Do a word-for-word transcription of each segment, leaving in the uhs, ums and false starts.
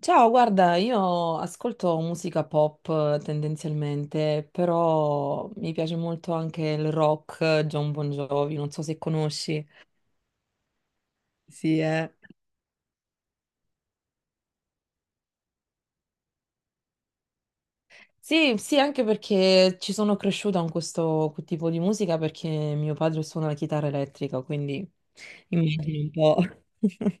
Ciao, guarda, io ascolto musica pop eh, tendenzialmente, però mi piace molto anche il rock, eh, John Bon Jovi, non so se conosci. Sì, eh. Sì, sì, anche perché ci sono cresciuta con questo tipo di musica perché mio padre suona la chitarra elettrica, quindi immagino un po'.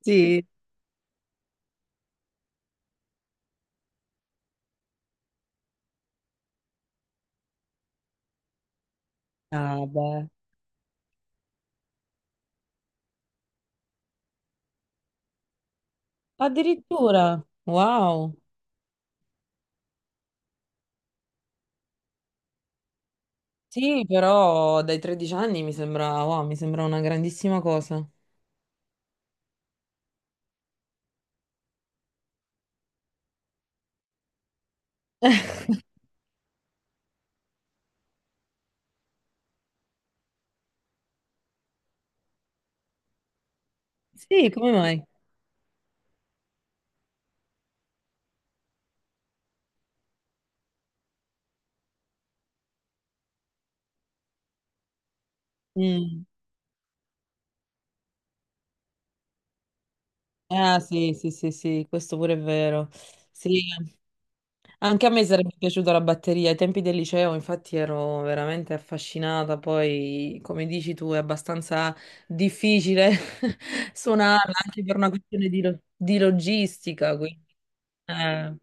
Sì. Ah, beh. Addirittura, wow. Sì, però dai tredici anni mi sembra, wow, mi sembra una grandissima cosa. Sì, come mai? Mm. Ah sì, sì, sì, sì, questo pure è vero. Sì, anche a me sarebbe piaciuta la batteria. Ai tempi del liceo, infatti, ero veramente affascinata. Poi, come dici tu, è abbastanza difficile suonarla anche per una questione di, lo- di logistica. Quindi, eh,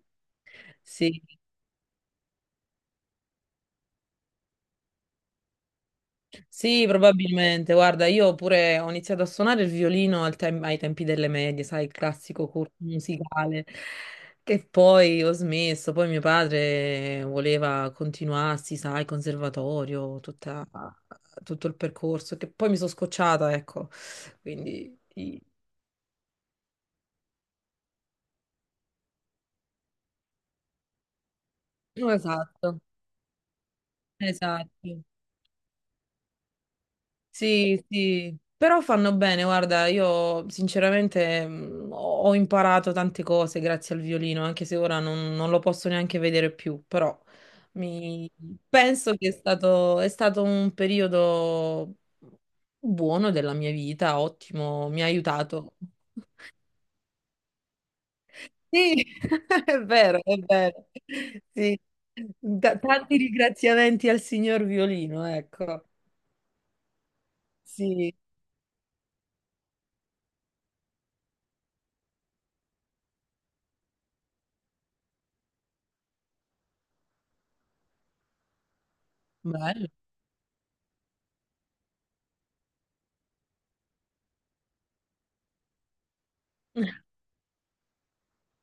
sì. Sì, probabilmente. Guarda, io pure ho iniziato a suonare il violino al tem- ai tempi delle medie, sai, il classico corso musicale, che poi ho smesso. Poi mio padre voleva continuarsi, sai, conservatorio, tutta- tutto il percorso, che poi mi sono scocciata, ecco. Quindi, sì. No, esatto, esatto. Sì, sì, però fanno bene, guarda, io sinceramente mh, ho ho imparato tante cose grazie al violino, anche se ora non, non lo posso neanche vedere più, però mi- penso che è stato, è stato un periodo buono della mia vita, ottimo, mi ha aiutato. Sì, è vero, è vero. Sì. Ta- tanti ringraziamenti al signor violino, ecco. Sì, bello.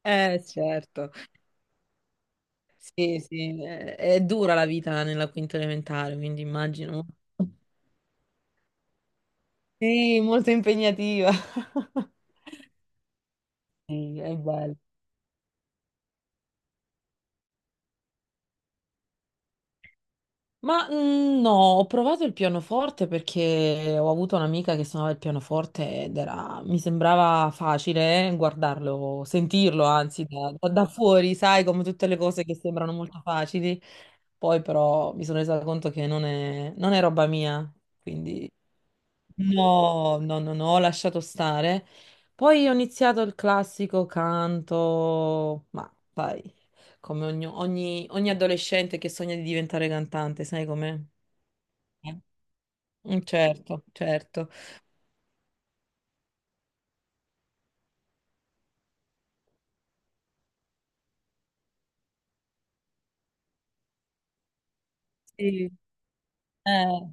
Eh, certo. Sì, sì, è, è dura la vita nella quinta elementare, quindi immagino. Sì, molto impegnativa. Sì, è bello. Ma mm, no, ho provato il pianoforte perché ho avuto un'amica che suonava il pianoforte ed era, mi sembrava facile eh, guardarlo, sentirlo, anzi, da, da- da fuori, sai, come tutte le cose che sembrano molto facili. Poi però mi sono resa conto che non è, non è roba mia, quindi no, no, no, no, ho lasciato stare. Poi ho iniziato il classico canto, ma vai, come ogni, ogni- ogni adolescente che sogna di diventare cantante, sai com'è? Mm, certo, certo. Sì. Eh,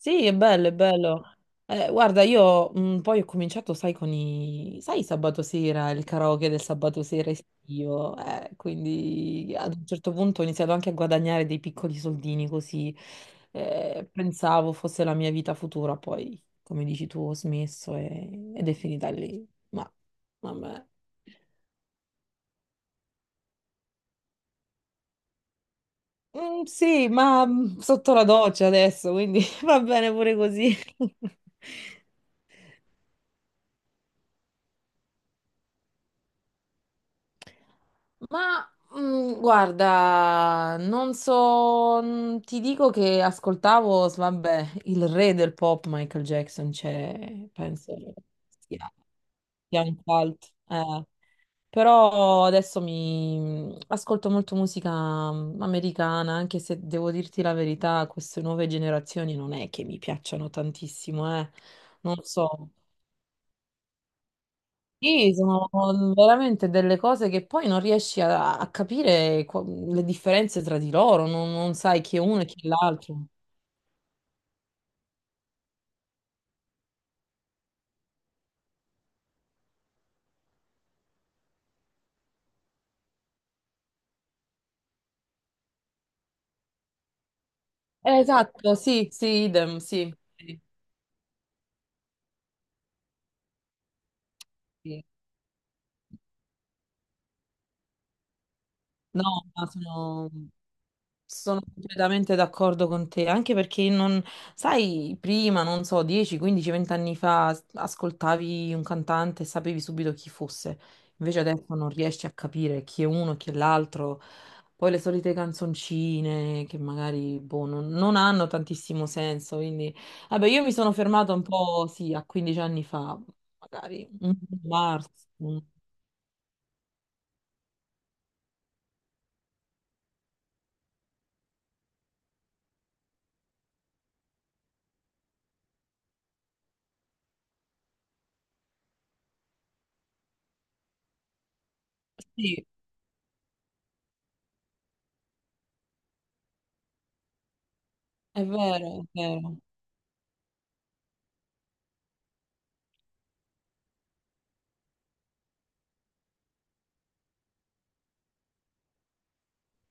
sì, è bello, è bello. Eh, guarda, io mh, poi ho cominciato, sai, con i... sai, sabato sera, il karaoke del sabato sera estivo, eh, quindi ad un certo punto ho iniziato anche a guadagnare dei piccoli soldini così, eh, pensavo fosse la mia vita futura, poi, come dici tu, ho smesso e- ed è finita lì. Ma, vabbè. Mm, sì, ma mm, sotto la doccia adesso, quindi va bene pure così. Ma mm, guarda, non so, mm, ti dico che ascoltavo, s- vabbè, il re del pop Michael Jackson, cioè, penso sia, sia un cult. Eh. Però adesso mi mm, ascolto molto musica mm, americana, anche se devo dirti la verità, queste nuove generazioni non è che mi piacciono tantissimo, eh. Non so. Sì, sono veramente delle cose che poi non riesci a, a capire qua- le differenze tra di loro, non, non sai chi è uno e chi è l'altro. Eh, Esatto, sì, sì, idem, sì, sì, sì. No, ma sono... Sono completamente d'accordo con te, anche perché non, sai, prima, non so, dieci, quindici, venti anni fa s- ascoltavi un cantante e sapevi subito chi fosse, invece adesso non riesci a capire chi è uno e chi è l'altro. Poi le solite canzoncine che magari boh, non, non hanno tantissimo senso, quindi vabbè, io mi sono fermata un po', sì, a quindici anni fa, magari un Mars. un- Sì, è vero, è vero.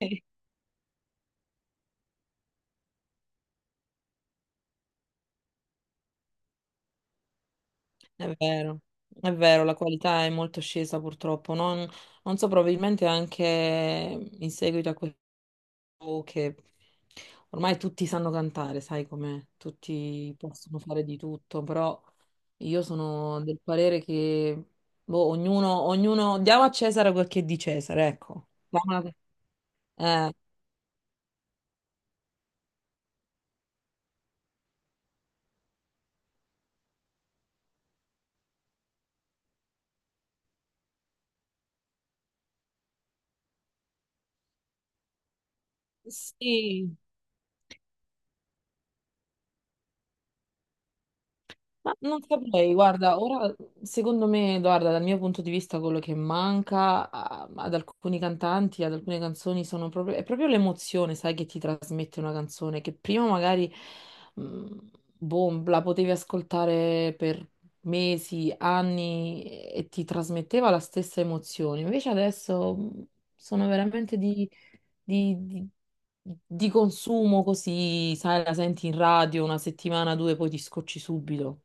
È vero, è vero, la qualità è molto scesa purtroppo. Non, non so, probabilmente anche in seguito a questo che ormai tutti sanno cantare, sai com'è? Tutti possono fare di tutto, però io sono del parere che boh, ognuno, ognuno diamo a Cesare quel che è di Cesare, ecco. Diamo la- eh, sì. Ma non saprei, guarda, ora secondo me, guarda, dal mio punto di vista quello che manca a- ad alcuni cantanti, ad alcune canzoni sono proprio, è proprio l'emozione, sai, che ti trasmette una canzone, che prima magari, mh, boh, la potevi ascoltare per mesi, anni e ti trasmetteva la stessa emozione. Invece adesso mh, sono veramente di, di, di di consumo così, sai, la senti in radio una settimana, due, poi ti scocci subito.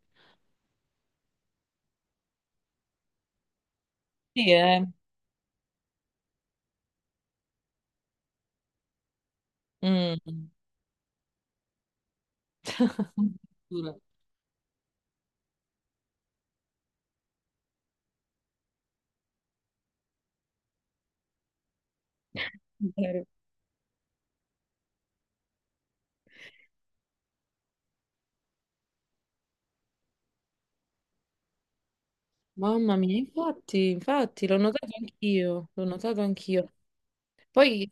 Sì, eh. Mm. Addirittura. Vero. Mamma mia, infatti, infatti, l'ho notato anch'io, l'ho notato anch'io. Poi,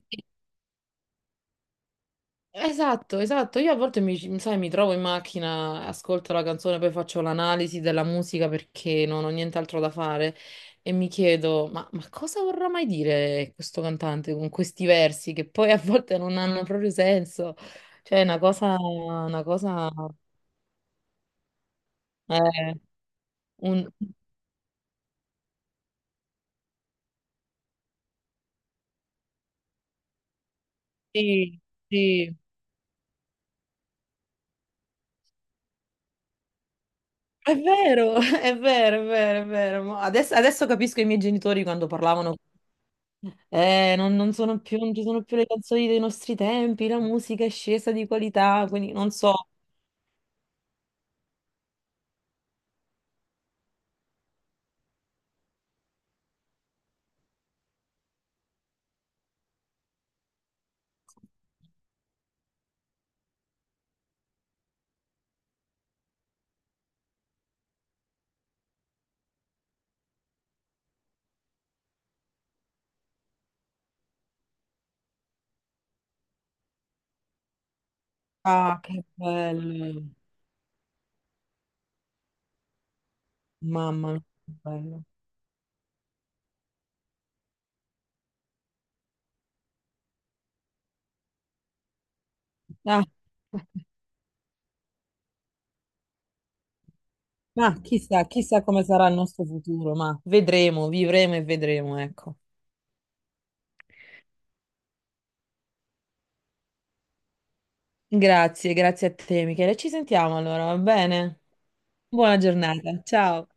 esatto, esatto, io a volte mi, sai, mi trovo in macchina, ascolto la canzone, poi faccio l'analisi della musica perché non ho nient'altro da fare e mi chiedo, ma, ma cosa vorrà mai dire questo cantante con questi versi che poi a volte non hanno proprio senso? Cioè, è una cosa, una cosa, eh, un- sì, sì. È vero, è vero, è vero, è vero. Ma adesso, adesso capisco i miei genitori quando parlavano. Eh, non, non sono più, non ci sono più le canzoni dei nostri tempi, la musica è scesa di qualità, quindi non so. Ah, che bello. Mamma mia, che bello. Ah, ma chissà, chissà come sarà il nostro futuro, ma vedremo, vivremo e vedremo, ecco. Grazie, grazie a te, Michele. Ci sentiamo allora, va bene? Buona giornata, ciao.